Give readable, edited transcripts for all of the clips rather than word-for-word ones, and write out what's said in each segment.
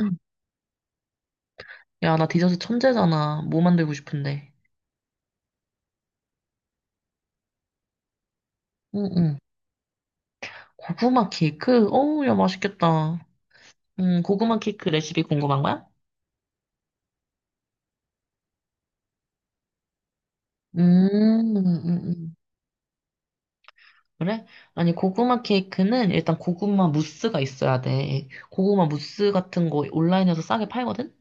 응. 야, 나 디저트 천재잖아. 뭐 만들고 싶은데. 응, 응. 고구마 케이크? 어우, 야, 맛있겠다. 응, 고구마 케이크 레시피 궁금한 거야? 음, 음, 음. 그래? 아니, 고구마 케이크는 일단 고구마 무스가 있어야 돼. 고구마 무스 같은 거 온라인에서 싸게 팔거든?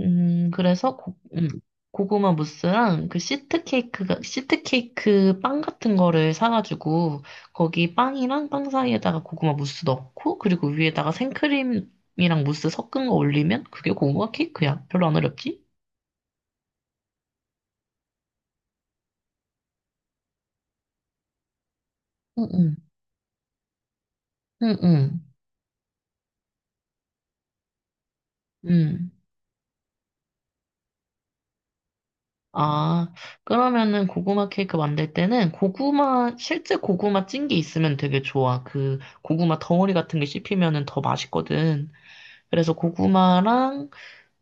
그래서 고구마 무스랑 그 시트 케이크가 시트 케이크 빵 같은 거를 사가지고 거기 빵이랑 빵 사이에다가 고구마 무스 넣고 그리고 위에다가 생크림이랑 무스 섞은 거 올리면 그게 고구마 케이크야. 별로 안 어렵지? 응응. 응응. 음. 아, 그러면은 고구마 케이크 만들 때는 고구마 실제 고구마 찐 게 있으면 되게 좋아. 그 고구마 덩어리 같은 게 씹히면은 더 맛있거든. 그래서 고구마랑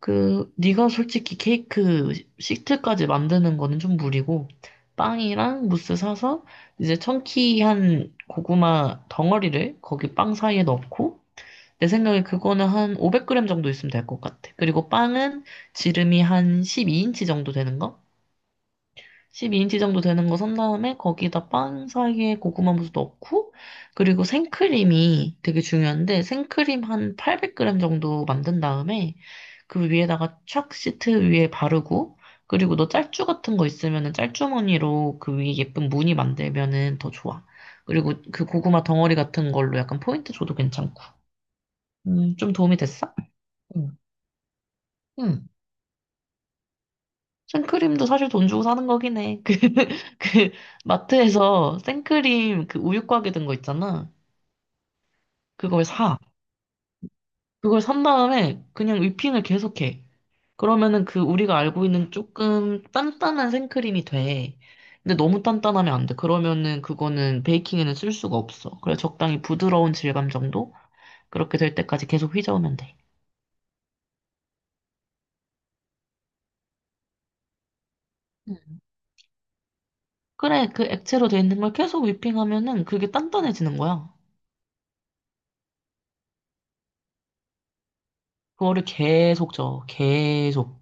그 네가 솔직히 케이크 시트까지 만드는 거는 좀 무리고 빵이랑 무스 사서 이제 청키한 고구마 덩어리를 거기 빵 사이에 넣고 내 생각에 그거는 한 500g 정도 있으면 될 것 같아. 그리고 빵은 지름이 한 12인치 정도 되는 거? 12인치 정도 되는 거 산 다음에 거기다 빵 사이에 고구마 무스 넣고 그리고 생크림이 되게 중요한데 생크림 한 800g 정도 만든 다음에 그 위에다가 촥 시트 위에 바르고 그리고 너 짤주 같은 거 있으면은 짤주머니로 그 위에 예쁜 무늬 만들면은 더 좋아. 그리고 그 고구마 덩어리 같은 걸로 약간 포인트 줘도 괜찮고. 좀 도움이 됐어? 응. 응. 생크림도 사실 돈 주고 사는 거긴 해. 그, 마트에서 생크림 그 우유 곽에 든 거 있잖아. 그걸 사. 그걸 산 다음에 그냥 whipping을 계속해. 그러면은 그 우리가 알고 있는 조금 단단한 생크림이 돼. 근데 너무 단단하면 안 돼. 그러면은 그거는 베이킹에는 쓸 수가 없어. 그래, 적당히 부드러운 질감 정도? 그렇게 될 때까지 계속 휘저으면 돼. 음. 그래, 그 액체로 돼 있는 걸 계속 w 핑 하면은 그게 단단해지는 거야. 그거를 계속 저어, 계속.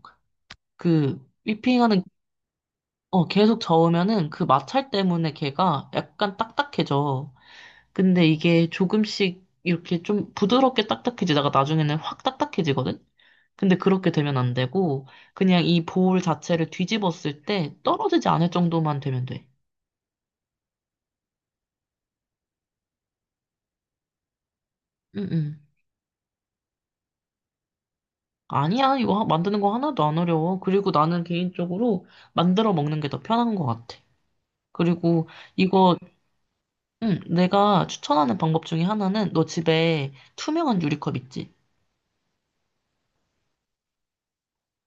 그 위핑하는 계속 저으면은 그 마찰 때문에 걔가 약간 딱딱해져. 근데 이게 조금씩 이렇게 좀 부드럽게 딱딱해지다가 나중에는 확 딱딱해지거든. 근데 그렇게 되면 안 되고 그냥 이 볼 자체를 뒤집었을 때 떨어지지 않을 정도만 되면 돼. 응응. 아니야, 이거 만드는 거 하나도 안 어려워. 그리고 나는 개인적으로 만들어 먹는 게 더 편한 것 같아. 그리고 이거 응, 내가 추천하는 방법 중에 하나는 너 집에 투명한 유리컵 있지?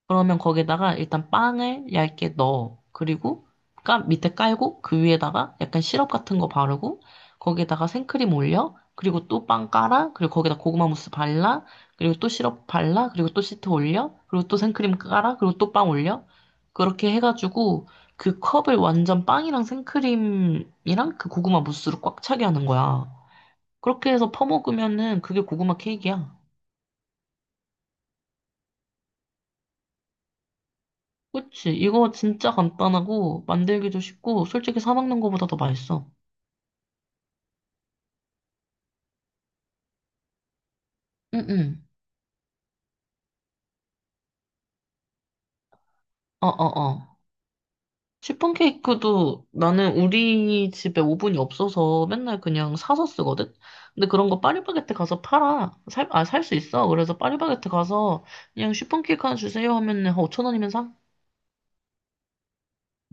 그러면 거기다가 일단 빵을 얇게 넣어. 그리고 까, 밑에 깔고 그 위에다가 약간 시럽 같은 거 바르고 거기에다가 생크림 올려. 그리고 또 빵 깔아. 그리고 거기다 고구마 무스 발라. 그리고 또 시럽 발라. 그리고 또 시트 올려. 그리고 또 생크림 깔아. 그리고 또 빵 올려. 그렇게 해가지고 그 컵을 완전 빵이랑 생크림이랑 그 고구마 무스로 꽉 차게 하는 거야. 그렇게 해서 퍼먹으면은 그게 고구마 케이크야. 그치? 이거 진짜 간단하고 만들기도 쉽고 솔직히 사 먹는 거보다 더 맛있어. 응응. 어어어. 시폰 케이크도 나는 우리 집에 오븐이 없어서 맨날 그냥 사서 쓰거든? 근데 그런 거 파리바게뜨 가서 팔아. 아, 살 수 있어. 그래서 파리바게뜨 가서 그냥 시폰 케이크 하나 주세요 하면은 한 5천 원이면 사.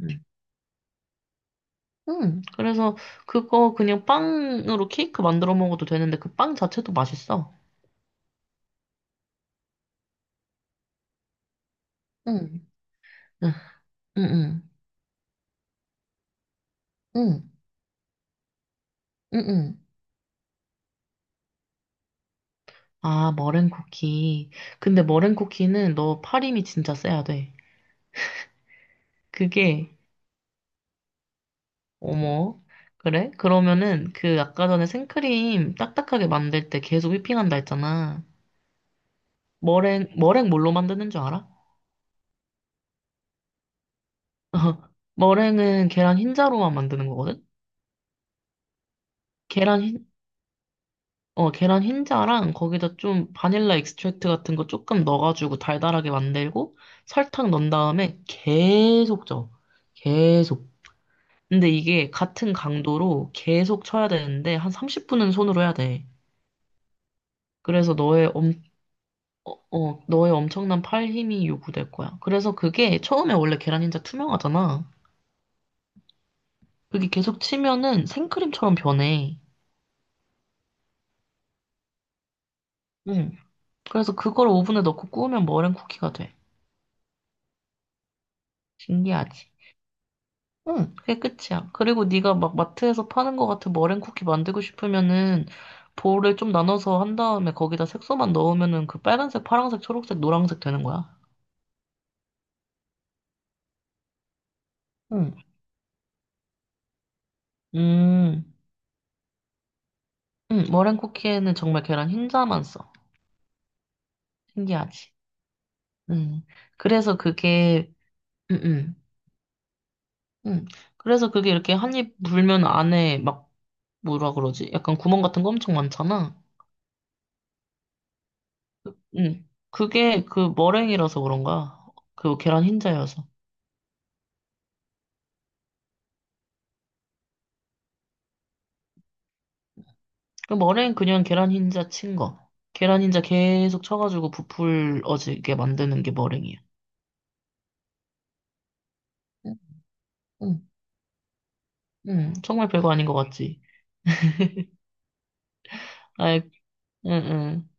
응. 응. 그래서 그거 그냥 빵으로 케이크 만들어 먹어도 되는데 그 빵 자체도 맛있어. 응. 응, 응, 응, 응. 응. 아, 머랭 쿠키. 근데 머랭 쿠키는 너 파림이 진짜 세야 돼. 그게, 어머. 그래? 그러면은 그 아까 전에 생크림 딱딱하게 만들 때 계속 휘핑한다 했잖아. 머랭, 뭘로 만드는 줄 알아? 머랭은 계란 흰자로만 만드는 거거든? 계란 흰, 계란 흰자랑 거기다 좀 바닐라 익스트랙트 같은 거 조금 넣어가지고 달달하게 만들고 설탕 넣은 다음에 계속 쪄. 계속. 근데 이게 같은 강도로 계속 쳐야 되는데 한 30분은 손으로 해야 돼. 그래서 너의 엄, 어, 어, 너의 엄청난 팔 힘이 요구될 거야. 그래서 그게 처음에 원래 계란 흰자 투명하잖아. 그게 계속 치면은 생크림처럼 변해. 응. 그래서 그걸 오븐에 넣고 구우면 머랭 쿠키가 돼. 신기하지? 응, 그게 끝이야. 그리고 네가 막 마트에서 파는 거 같은 머랭 쿠키 만들고 싶으면은 볼을 좀 나눠서 한 다음에 거기다 색소만 넣으면은 그 빨간색, 파란색, 초록색, 노란색 되는 거야. 응. 음, 머랭 쿠키에는 정말 계란 흰자만 써. 신기하지. 음, 그래서 그게, 음, 음, 음. 그래서 그게 이렇게 한입 물면 안에 막, 뭐라 그러지? 약간 구멍 같은 거 엄청 많잖아. 그게 그 머랭이라서 그런가? 그 계란 흰자여서. 그 머랭 그냥 계란 흰자 친 거. 계란 흰자 계속 쳐가지고 부풀어지게 만드는 게 머랭이야. 응, 응, 응. 정말 별거 아닌 것 같지? 아이, 응, 응.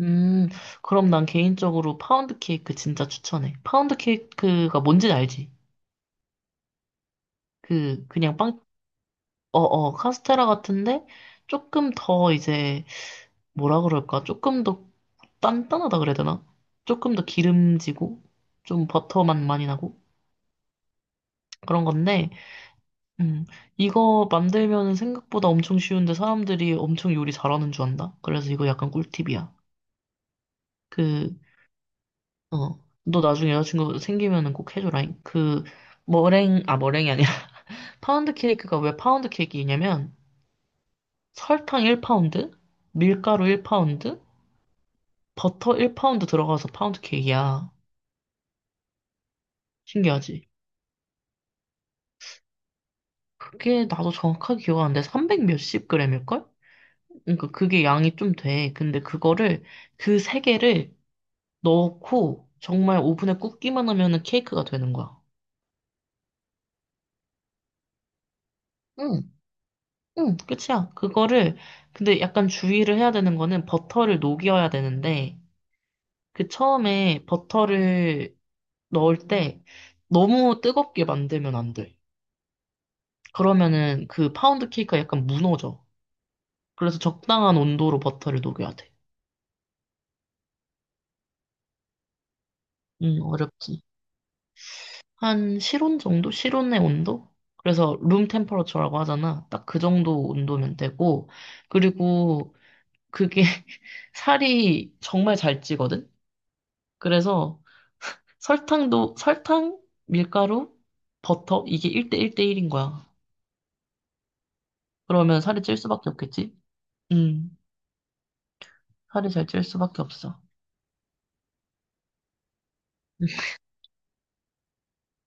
음, 그럼 난 개인적으로 파운드 케이크 진짜 추천해. 파운드 케이크가 뭔지 알지? 그냥 빵, 카스테라 같은데, 조금 더 이제, 뭐라 그럴까? 조금 더 단단하다 그래야 되나? 조금 더 기름지고, 좀 버터 맛 많이 나고, 그런 건데, 음, 이거 만들면 생각보다 엄청 쉬운데 사람들이 엄청 요리 잘하는 줄 안다? 그래서 이거 약간 꿀팁이야. 그, 너 나중에 여자친구 생기면은 꼭 해줘라잉. 아, 머랭이 아니라, 파운드 케이크가 왜 파운드 케이크이냐면, 설탕 1파운드, 밀가루 1파운드, 버터 1파운드 들어가서 파운드 케이크야. 신기하지? 그게 나도 정확하게 기억 안 돼. 300 몇십 그램일걸? 그러니까 그게 양이 좀 돼. 근데 그거를, 그 세 개를 넣고, 정말 오븐에 굽기만 하면은 케이크가 되는 거야. 응. 응, 끝이야. 그거를, 근데 약간 주의를 해야 되는 거는 버터를 녹여야 되는데, 그 처음에 버터를 넣을 때 너무 뜨겁게 만들면 안 돼. 그러면은 그 파운드 케이크가 약간 무너져. 그래서 적당한 온도로 버터를 녹여야 돼. 응, 어렵지. 한 실온 정도? 실온의 온도? 그래서 룸 템퍼러처라고 하잖아. 딱 그 정도 온도면 되고, 그리고 그게 살이 정말 잘 찌거든? 그래서 설탕, 밀가루, 버터, 이게 1대 1대 1인 거야. 그러면 살이 찔 수밖에 없겠지? 음, 살이 잘 찔 수밖에 없어.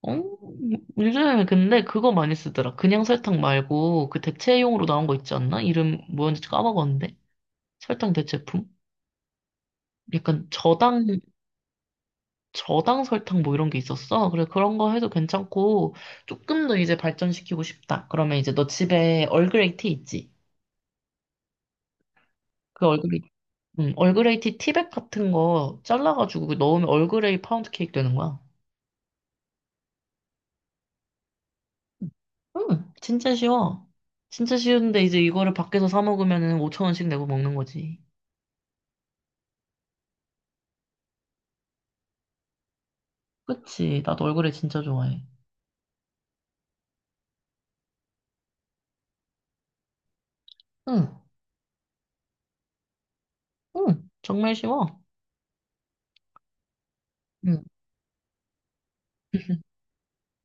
어, 요즘에 근데 그거 많이 쓰더라. 그냥 설탕 말고 그 대체용으로 나온 거 있지 않나? 이름 뭐였는지 까먹었는데. 설탕 대체품? 약간 저당 설탕 뭐 이런 게 있었어. 그래, 그런 거 해도 괜찮고, 조금 더 이제 발전시키고 싶다. 그러면 이제 너 집에 얼그레이 티 있지? 그 얼그레이 티 티백 같은 거 잘라가지고 그 넣으면 얼그레이 파운드 케이크 되는 거야. 진짜 쉬워. 진짜 쉬운데 이제 이거를 밖에서 사 먹으면은 5천 원씩 내고 먹는 거지. 그치? 나도 얼그레이 진짜 좋아해. 응, 응, 정말 쉬워. 응,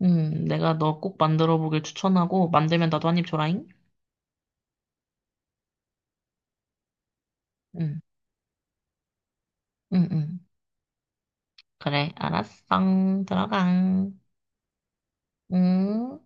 응, 내가 너 꼭 만들어 보길 추천하고 만들면 나도 한입 줘라잉. 응, 응, 응. 그래, 알았어. 들어가. 응.